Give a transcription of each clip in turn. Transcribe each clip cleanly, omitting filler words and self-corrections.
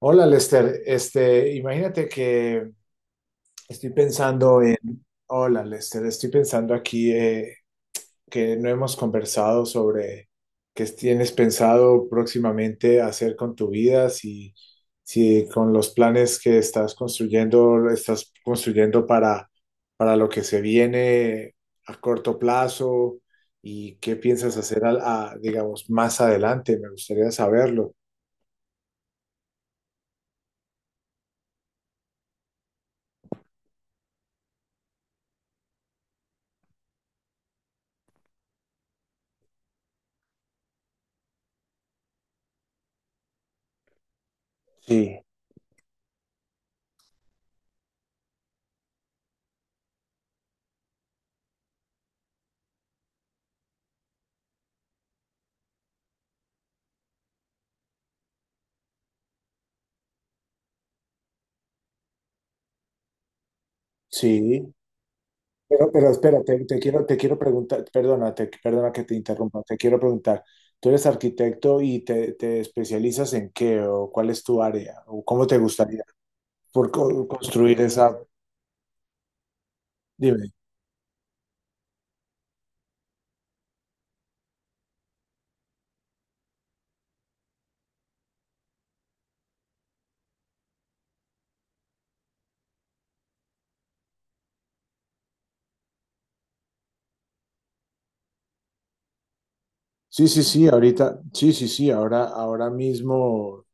Hola Lester, imagínate que estoy hola Lester, estoy pensando aquí, que no hemos conversado sobre qué tienes pensado próximamente hacer con tu vida, si con los planes que estás construyendo, lo estás construyendo para lo que se viene a corto plazo y qué piensas hacer, digamos, más adelante, me gustaría saberlo. Sí, sí. Pero espera, te quiero preguntar, perdona, perdona que te interrumpa, te quiero preguntar, ¿tú eres arquitecto y te especializas en qué o cuál es tu área o cómo te gustaría construir esa? Dime. Sí, sí, sí, ahora mismo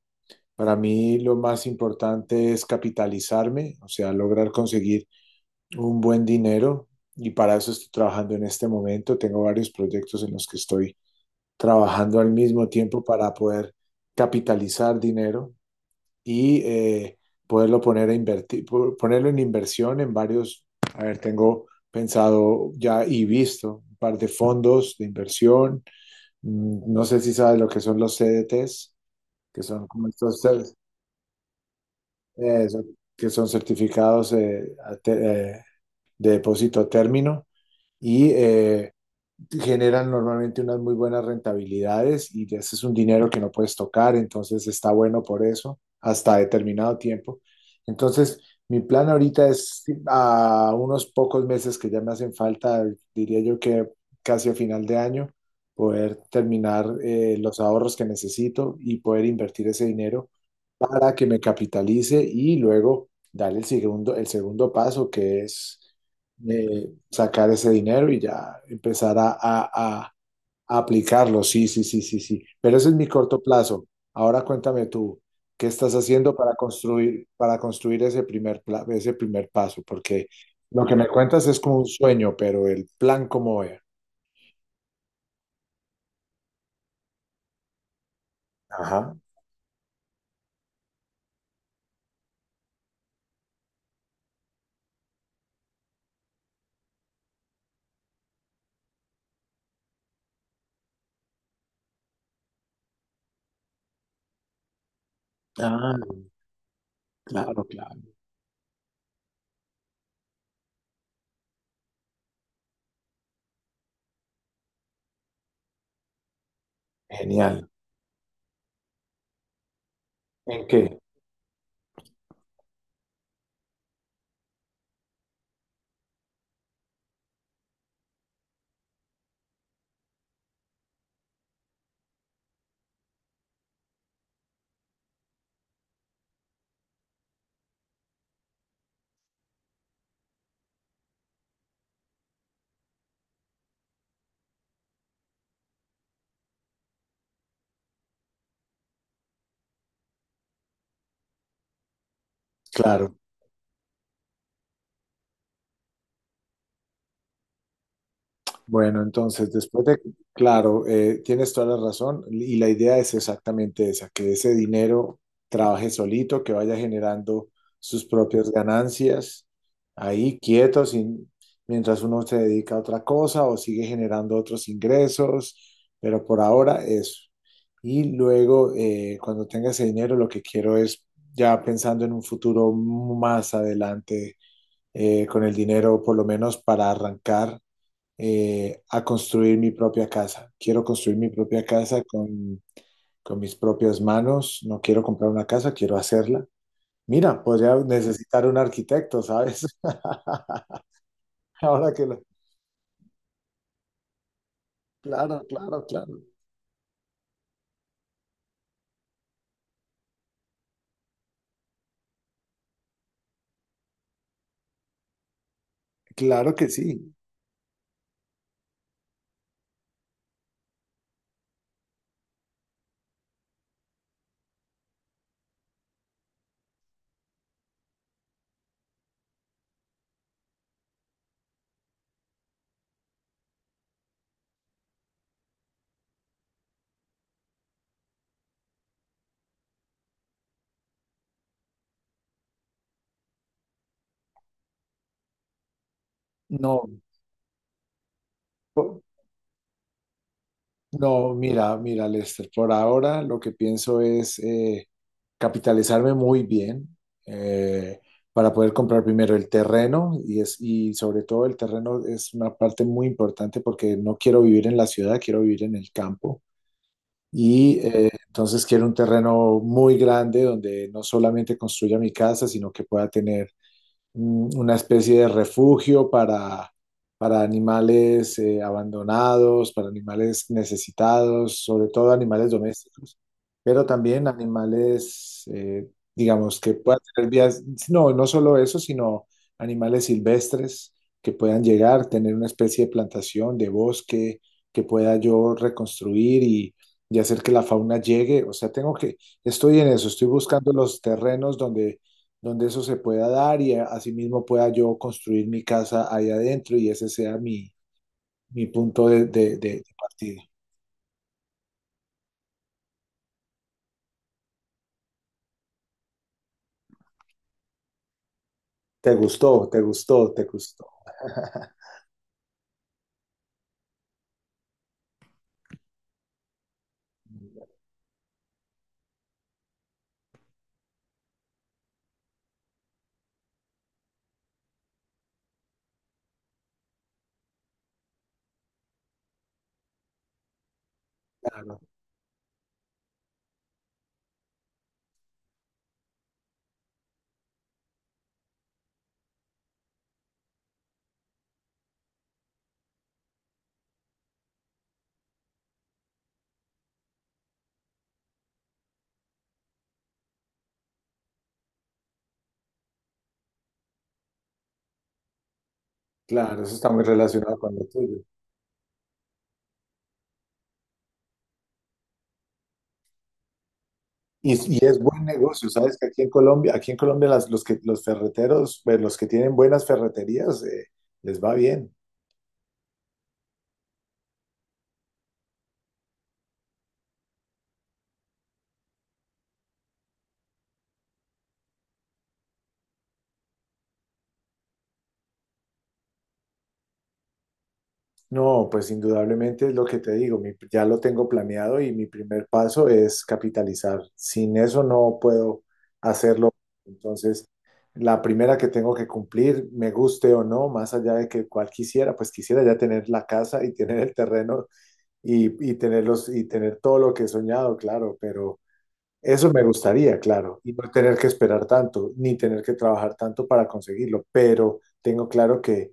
para mí lo más importante es capitalizarme, o sea, lograr conseguir un buen dinero y para eso estoy trabajando en este momento, tengo varios proyectos en los que estoy trabajando al mismo tiempo para poder capitalizar dinero y poderlo poner a invertir, ponerlo en inversión en varios, a ver, tengo pensado ya y visto un par de fondos de inversión. Mm, no sé si sabes lo que son los CDTs, que son como eh, son- que son certificados eh, de depósito a término, y generan normalmente unas muy buenas rentabilidades y ese es un dinero que no puedes tocar, entonces está bueno por eso, hasta determinado tiempo. Entonces, mi plan ahorita es a unos pocos meses que ya me hacen falta, diría yo que casi a final de año, poder terminar los ahorros que necesito y poder invertir ese dinero para que me capitalice y luego darle el segundo paso, que es eh, sacar ese dinero y ya empezar a, a aplicarlo. Sí, sí, sí, sí, sí. Pero ese es mi corto plazo. Ahora cuéntame tú, ¿qué estás haciendo para construir ese ese primer paso? Porque lo que me cuentas es como un sueño, pero el plan cómo es. Ajá. Ah, claro, claro. Genial. ¿En qué? Claro. Bueno, claro, tienes toda la razón y la idea es exactamente esa, que ese dinero trabaje solito, que vaya generando sus propias ganancias, ahí quieto, mientras uno se dedica a otra cosa o sigue generando otros ingresos, pero por ahora eso. Y luego, cuando tenga ese dinero, lo que quiero es, ya pensando en un futuro más adelante, con el dinero, por lo menos para arrancar a construir mi propia casa. Quiero construir mi propia casa con mis propias manos. No quiero comprar una casa, quiero hacerla. Mira, podría necesitar un arquitecto, ¿sabes? Ahora que lo... Claro, claro, claro. Claro que sí. No, po- no, mira, mira, Lester, por ahora lo que pienso es... capitalizarme muy bien eh, para poder comprar primero el terreno y, y sobre todo el terreno es una parte muy importante porque no quiero vivir en la ciudad, quiero vivir en el campo. Y entonces quiero un terreno muy grande donde no solamente construya mi casa, sino que pueda tener una especie de refugio para animales abandonados, para animales necesitados, sobre todo animales domésticos, pero también animales, digamos, que puedan tener vías, no, no solo eso, sino animales silvestres que puedan llegar, tener una especie de plantación, de bosque, que pueda yo reconstruir y hacer que la fauna llegue. O sea, estoy en eso, estoy buscando los terrenos donde donde eso se pueda dar y asimismo pueda yo construir mi casa ahí adentro y ese sea mi punto de partida. ¿Te gustó? ¿Te gustó? ¿Te gustó? Claro, claro, eso está muy relacionado con lo tuyo. Y, y es buen negocio, ¿sabes? Que aquí en Colombia los que, los ferreteros, pues, los que tienen buenas ferreterías, les va bien. No, pues indudablemente es lo que te digo, ya lo tengo planeado y mi primer paso es capitalizar. Sin eso no puedo hacerlo. Entonces, la primera que tengo que cumplir, me guste o no, más allá de que cual quisiera, pues quisiera ya tener la casa y tener el terreno y tenerlos y tener todo lo que he soñado, claro, pero eso me gustaría, claro, y no tener que esperar tanto, ni tener que trabajar tanto para conseguirlo, pero tengo claro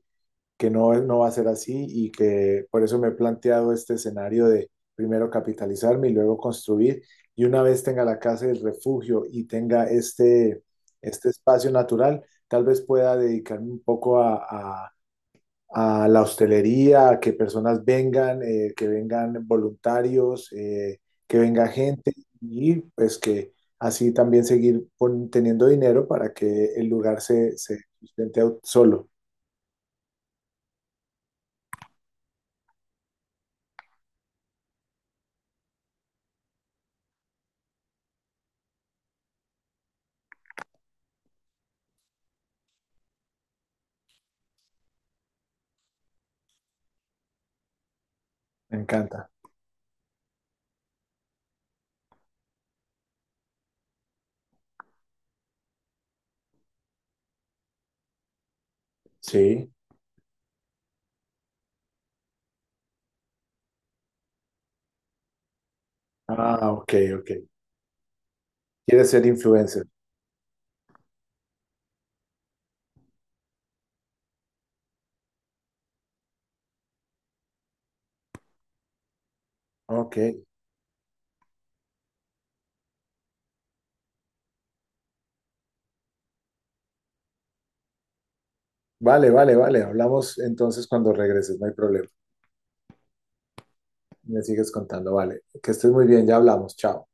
que no, no va a ser así y que por eso me he planteado este escenario de primero capitalizarme y luego construir. Y una vez tenga la casa y el refugio y tenga este espacio natural, tal vez pueda dedicarme un poco a- a la hostelería, a que personas vengan, que vengan voluntarios, que venga gente y pues que así también seguir teniendo dinero para que el lugar se sustente solo. Me encanta. Sí. Ah, ok, ok. ¿Quieres ser influencer? Ok. Vale, vale, vale. Hablamos entonces cuando regreses, no hay problema. Me sigues contando, vale. Que estés muy bien, ya hablamos. Chao.